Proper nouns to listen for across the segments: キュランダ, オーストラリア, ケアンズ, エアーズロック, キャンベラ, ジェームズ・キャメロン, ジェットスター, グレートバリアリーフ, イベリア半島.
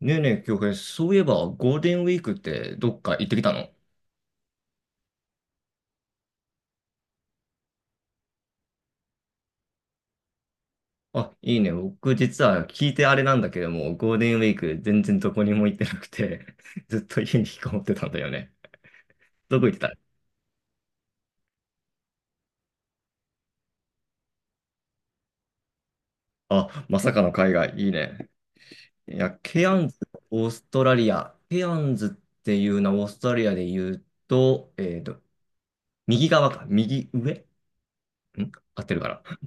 ねえねえ、京平、そういえばゴールデンウィークってどっか行ってきたの？あ、いいね。僕実は聞いてあれなんだけども、ゴールデンウィーク全然どこにも行ってなくて ずっと家に引きこもってたんだよね。どこ行ってた？あ、まさかの海外、いいね。いや、ケアンズ、オーストラリア。ケアンズっていうのはオーストラリアで言うと、右側か、右上合ってるかな？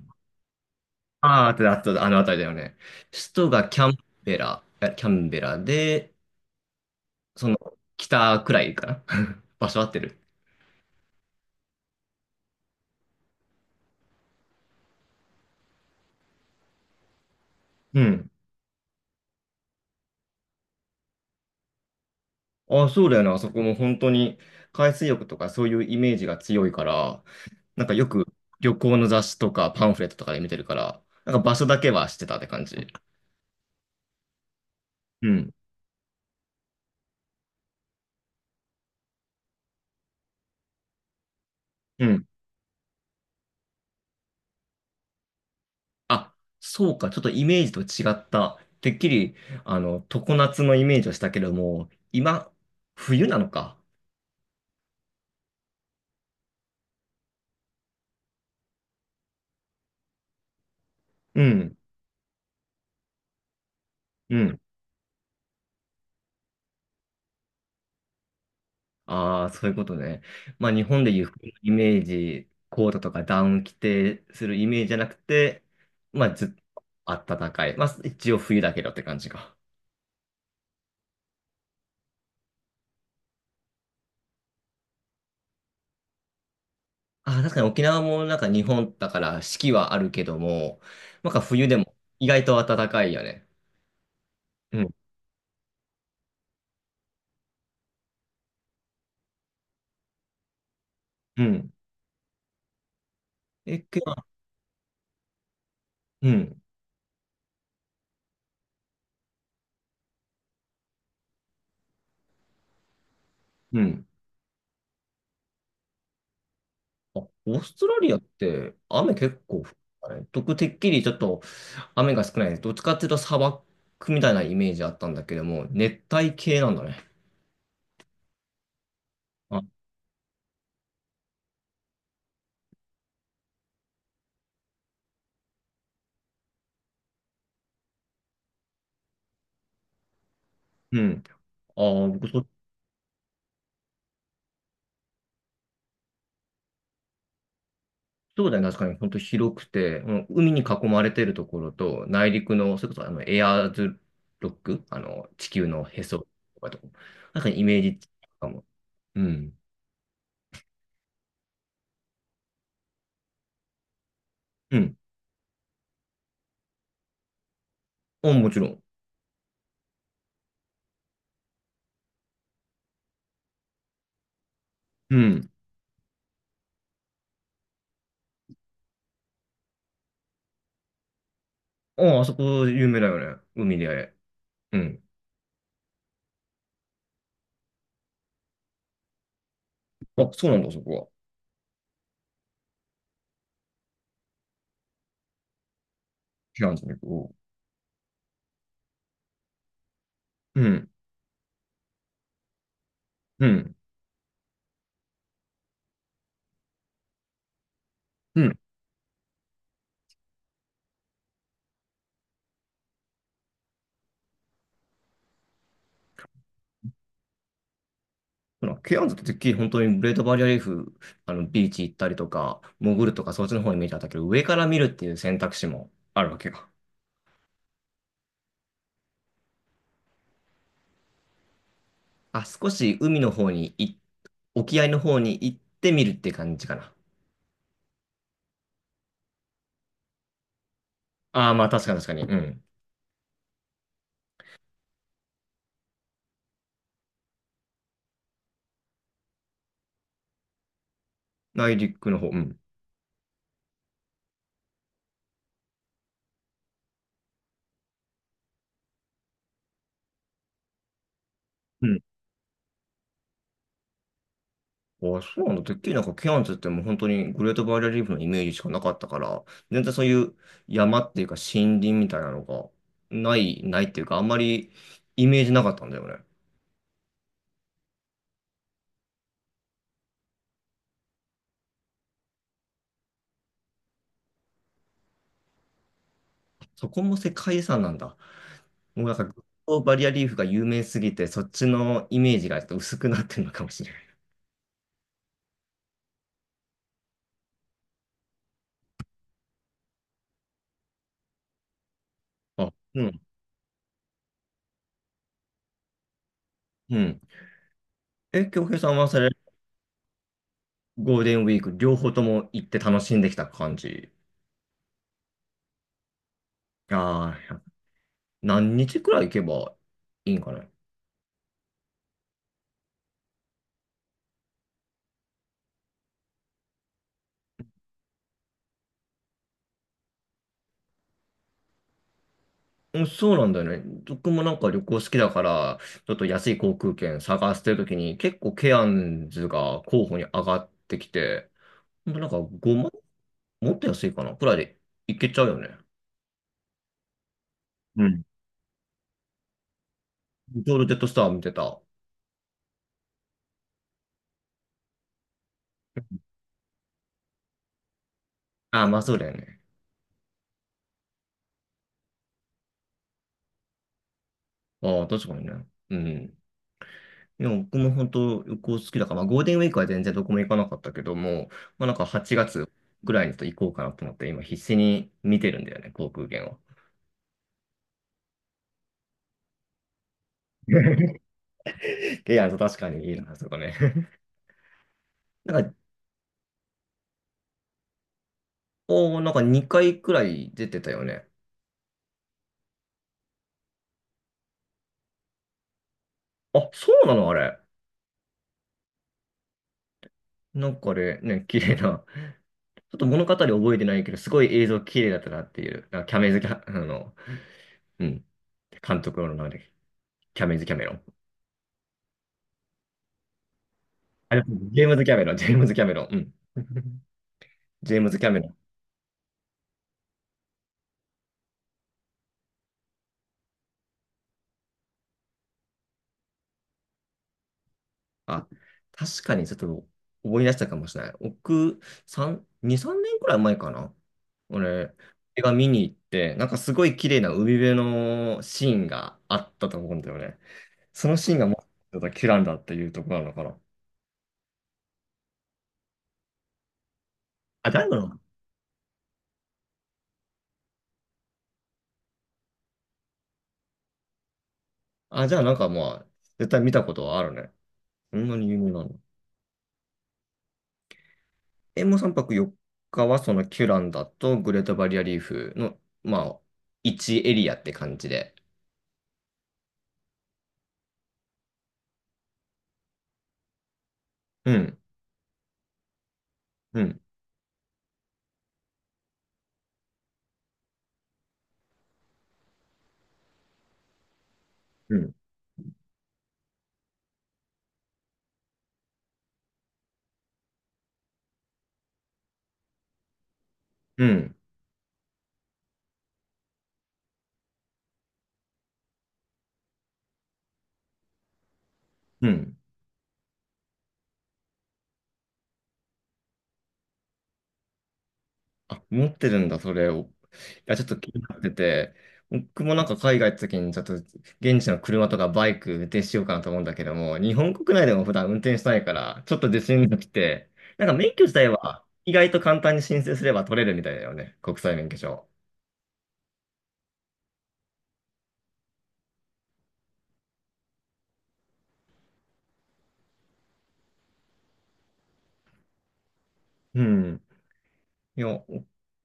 あ あー、合ってる、合ってる、あの辺りだよね。首都がキャンベラ、キャンベラで、その、北くらいかな？ 場所合ってる？うん。あ、そうだよね。あそこも本当に海水浴とかそういうイメージが強いから、なんかよく旅行の雑誌とかパンフレットとかで見てるから、なんか場所だけは知ってたって感じ。うん。うん。あ、そうか。ちょっとイメージと違った。てっきり、常夏のイメージをしたけども、今、冬なのか。うん。うん。ああ、そういうことね。まあ、日本でいう服のイメージ、コートとかダウン着てするイメージじゃなくて、まあ、ずっと暖かい。まあ、一応冬だけどって感じか。ああ、確かに沖縄もなんか日本だから四季はあるけども、なんか冬でも意外と暖かいよね。うん。うん。え、けど。うん。うん。あ、オーストラリアって雨結構降るからね。僕、てっきりちょっと雨が少ない。どっちかっていうと砂漠みたいなイメージあったんだけども、熱帯系なんだね。あ、うん。あー、僕そうだよね。確かに、本当広くて、うん、海に囲まれてるところと、内陸の、それこそあのエアーズロック、あの、地球のへそとかと、なんかイメージかも。うん。うん。あ、もちろん。うん。あ、あそこ有名だよね。海で。うん。あ、そうなんだ、そこは。ケアンズに行こう。うん。うん。うん。ほら、ケアンズっててっきり本当にグレートバリアリーフ、ビーチ行ったりとか、潜るとか、そっちの方のイメージだったけど、上から見るっていう選択肢もあるわけよ。あ、少し海の方に沖合の方に行ってみるって感じかな。ああ、まあ確かに確かに。うん。内陸の方。うん。うん。ああ、そうなんだ。てっきりなんかケアンズってもう本当にグレートバリアリーフのイメージしかなかったから、全然そういう山っていうか森林みたいなのがない、ないっていうか、あんまりイメージなかったんだよね。そこも世界遺産なんだ。もうなんかグレートバリアリーフが有名すぎて、そっちのイメージがちょっと薄くなってるのかもしれない。あ、うん。うん。え、京平さんはそれゴールデンウィーク両方とも行って楽しんできた感じ？ああ、何日くらい行けばいいんかな。うん、そうなんだよね。僕もなんか旅行好きだから、ちょっと安い航空券探してるときに結構ケアンズが候補に上がってきて、ほんとなんか5万もっと安いかなくらいで行けちゃうよね。うん。ちょうどジェットスター見てた。ああ、まあそうだよね。ああ、確かにね。うん。いや、僕も本当旅行好きだから、まあ、ゴールデンウィークは全然どこも行かなかったけども、まあ、なんか8月ぐらいにちょっと行こうかなと思って、今必死に見てるんだよね、航空券を。いや、確かにいいな、そこね。なんか、おー、なんか2回くらい出てたよね。あ、そうなのあれ？なんかあれ、ね、綺麗な。ちょっと物語覚えてないけど、すごい映像綺麗だったなっていう、なんかキャメズキャ、うん、監督の名前で、キャメズキャメロン。あれ、ジェームズキャメロン、ジェームズキャメロン。うん。ジェームズ・キャメロン。あ、確かにちょっと思い出したかもしれない。僕、3、2、3年くらい前かな。俺、映画見に行って、なんかすごい綺麗な海辺のシーンがあったと思うんだよね。そのシーンがもう、キュランダっていうところなのかな。あ、誰なの？あ、じゃあなんかまあ、絶対見たことはあるね。そんなに有名なの？え、もう3泊4日はそのキュランダとグレートバリアリーフの、まあ、1エリアって感じで？うん、うん、うん、うん、うん。あ、持ってるんだ、それを。いや、ちょっと気になってて、僕もなんか海外行った時に、ちょっと現地の車とかバイク運転しようかなと思うんだけども、日本国内でも普段運転してないから、ちょっと自信がきて、なんか免許自体は意外と簡単に申請すれば取れるみたいだよね、国際免許証。うん。いや、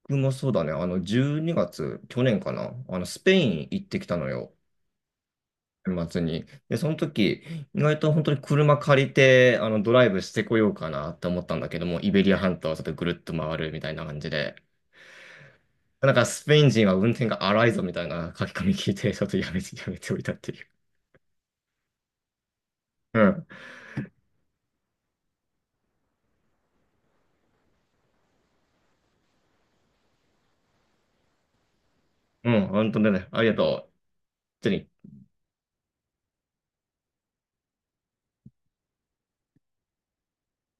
僕もそうだね、12月、去年かな、スペイン行ってきたのよ。年末に。で、その時、意外と本当に車借りて、ドライブしてこようかなって思ったんだけども、イベリア半島をちょっとぐるっと回るみたいな感じで、なんかスペイン人は運転が荒いぞみたいな書き込み聞いて、ちょっとやめておいたっていう。うん。うん、本当だね。ありがとう。本当に